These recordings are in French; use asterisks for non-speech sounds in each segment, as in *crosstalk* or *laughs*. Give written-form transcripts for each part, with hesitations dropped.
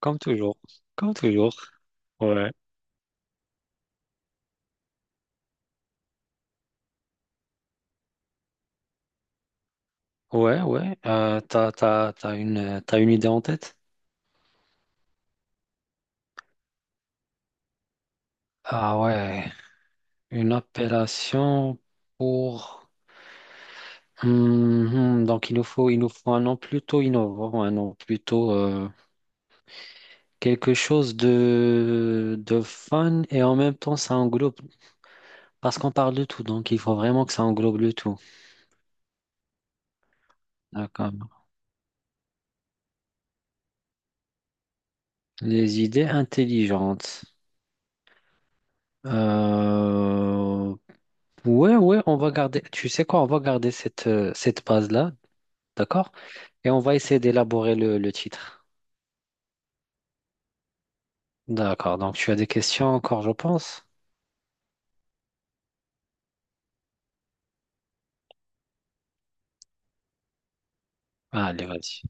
Comme toujours. Comme toujours. Ouais. Ouais, ouais. T'as une idée en tête? Ah ouais. Une appellation pour. Donc il nous faut un nom plutôt innovant, un nom plutôt quelque chose de fun et en même temps ça englobe. Parce qu'on parle de tout, donc il faut vraiment que ça englobe le tout. D'accord. Les idées intelligentes. Euh, Ouais, ouais, on va garder, tu sais quoi, on va garder cette base-là, d'accord? Et on va essayer d'élaborer le titre. D'accord, donc tu as des questions encore, je pense? Allez, vas-y.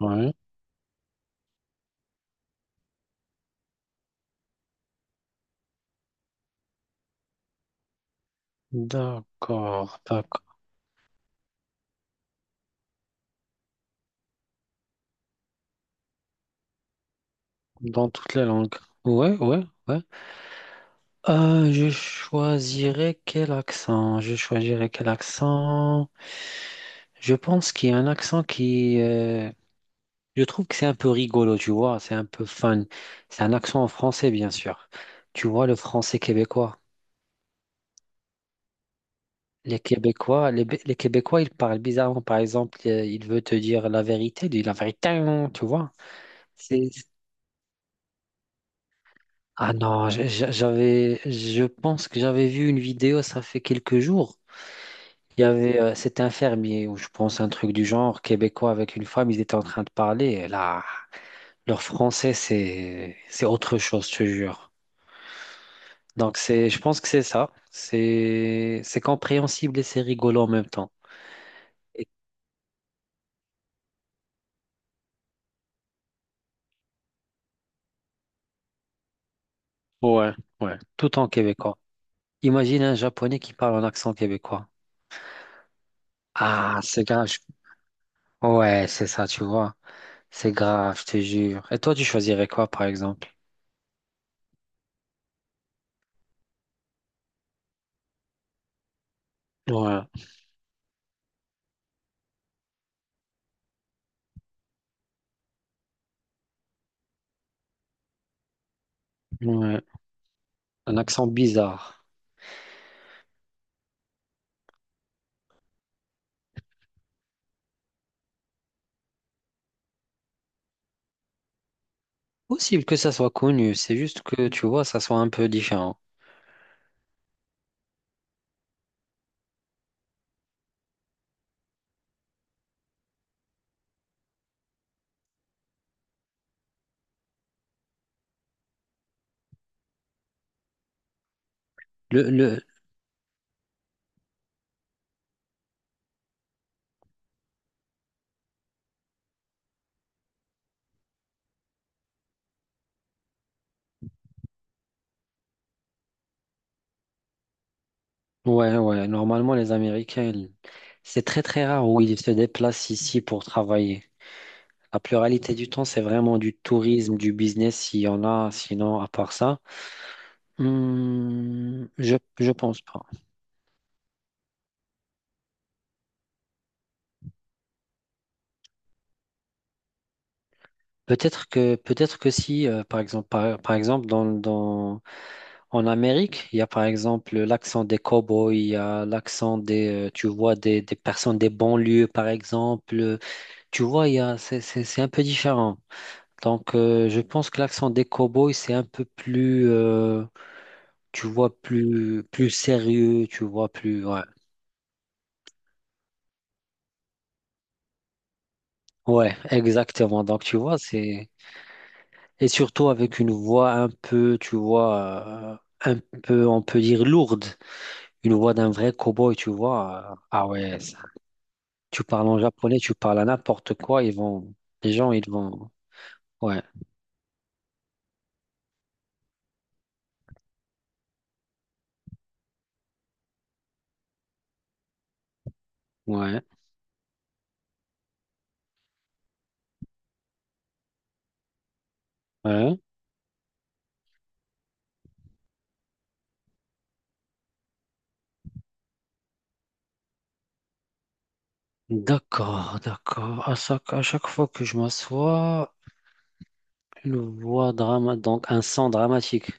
Ouais. D'accord, d'accord. Dans toutes les langues. Ouais, ouais, ouais. Je choisirais quel accent? Je choisirais quel accent? Je pense qu'il y a un accent qui, je trouve que c'est un peu rigolo, tu vois, c'est un peu fun. C'est un accent en français, bien sûr. Tu vois, le français québécois. Les Québécois, ils parlent bizarrement. Par exemple, il veut te dire la vérité, il dit la vérité, hein, tu vois. C'est... Ah non, je pense que j'avais vu une vidéo, ça fait quelques jours. Il y avait, c'était un fermier, ou je pense un truc du genre, Québécois avec une femme, ils étaient en train de parler. Et là, leur français, c'est autre chose, je te jure. Donc c'est, je pense que c'est ça. C'est compréhensible et c'est rigolo en même temps. Et- Ouais, ouais, tout en québécois. Imagine un Japonais qui parle en accent québécois. Ah, c'est grave. Ouais, c'est ça, tu vois. C'est grave, je te jure. Et toi, tu choisirais quoi, par exemple? Ouais, ouais. Un accent bizarre. Possible que ça soit connu, c'est juste que, tu vois, ça soit un peu différent. Le, le... Ouais, ouais, normalement, les Américains, c'est très, très rare où ils se déplacent ici pour travailler. La pluralité du temps, c'est vraiment du tourisme, du business, s'il y en a, sinon, à part ça, je pense pas. Peut-être que si, par exemple, par exemple en Amérique, il y a par exemple l'accent des cow-boys, il y a l'accent des, tu vois, des personnes des banlieues, par exemple. Tu vois, il y a, c'est un peu différent. Donc, je pense que l'accent des cow-boys, c'est un peu plus, tu vois, plus sérieux, tu vois, plus, ouais. Ouais, exactement. Donc, tu vois, et surtout avec une voix un peu, tu vois, un peu, on peut dire lourde. Une voix d'un vrai cow-boy, tu vois. Ah ouais, ça. Tu parles en japonais, tu parles à n'importe quoi, ils vont... Les gens, ils vont... Ouais, ouais, ouais. D'accord, d'accord. À chaque fois que je m'assois, Donc, un son dramatique,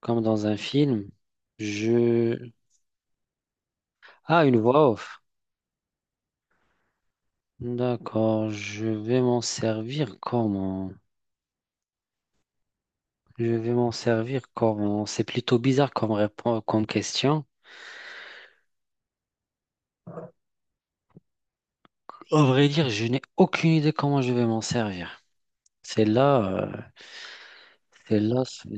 comme dans un film. Je... Ah, une voix off. D'accord, je vais m'en servir comment? Je vais m'en servir comment? C'est plutôt bizarre comme réponse, comme question. Au vrai dire, je n'ai aucune idée comment je vais m'en servir. C'est là, euh, c'est là.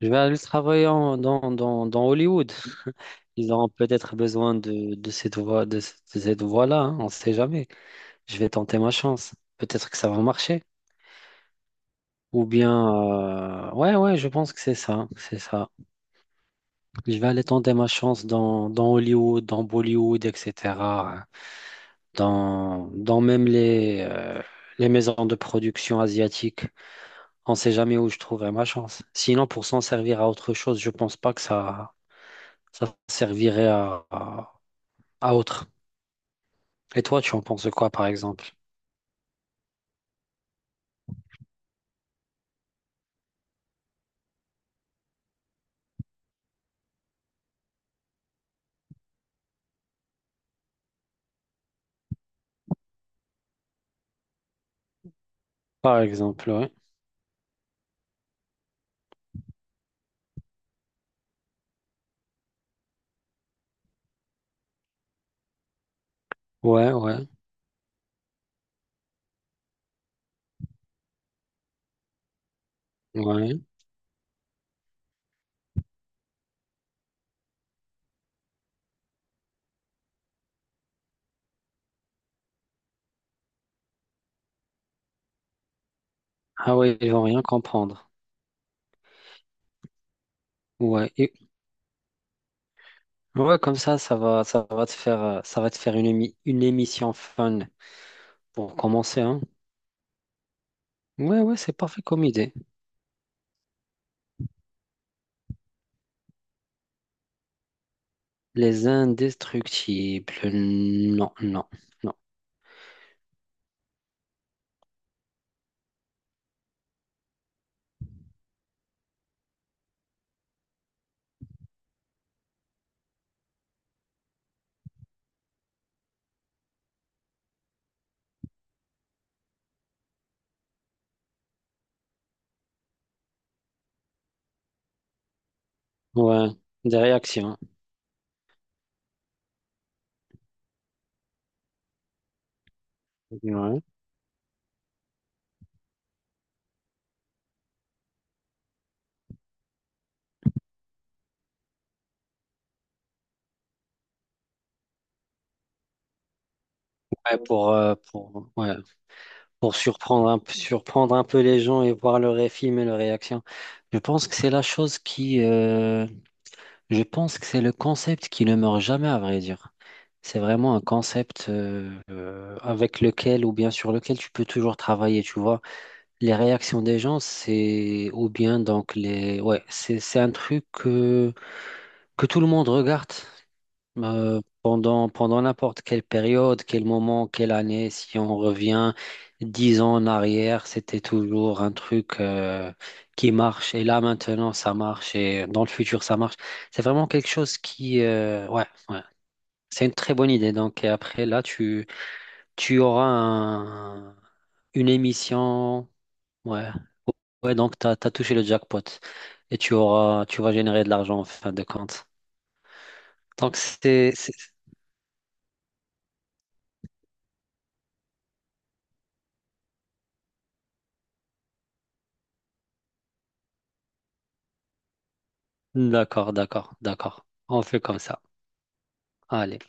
Je vais aller travailler dans Hollywood. *laughs* Ils auront peut-être besoin de cette voie-là, hein, on ne sait jamais. Je vais tenter ma chance. Peut-être que ça va marcher. Ou bien, ouais, ouais, je pense que c'est ça, c'est ça. Je vais aller tenter ma chance dans Hollywood, dans Bollywood, etc. hein. Dans même les maisons de production asiatiques. On ne sait jamais où je trouverai ma chance. Sinon, pour s'en servir à autre chose, je ne pense pas que ça servirait à autre. Et toi, tu en penses quoi, par exemple? Par exemple, ouais. Ouais, ouais, ouais. Ah ouais, ils vont rien comprendre. Ouais. Ouais, comme ça, ça va te faire, ça va te faire une, une émission fun pour commencer, hein. Ouais, ouais, c'est parfait comme idée. Les indestructibles. Non, non, non. Ouais, des réactions. Ouais. Ouais, pour surprendre un peu les gens et voir leur film et leur réaction. Je pense que c'est la chose qui. Je pense que c'est le concept qui ne meurt jamais, à vrai dire. C'est vraiment un concept avec lequel ou bien sur lequel tu peux toujours travailler, tu vois. Les réactions des gens, c'est ou bien donc les ouais, c'est un truc que tout le monde regarde pendant n'importe quelle période, quel moment, quelle année. Si on revient 10 ans en arrière, c'était toujours un truc qui marche et là maintenant ça marche et dans le futur ça marche. C'est vraiment quelque chose qui ouais ouais. C'est une très bonne idée. Donc et après là tu auras une émission. Ouais. Ouais, donc t'as touché le jackpot et tu auras, tu vas générer de l'argent en fin de compte. Donc c'est, c'est- D'accord, d'accord, d'accord. On fait comme ça. Allez.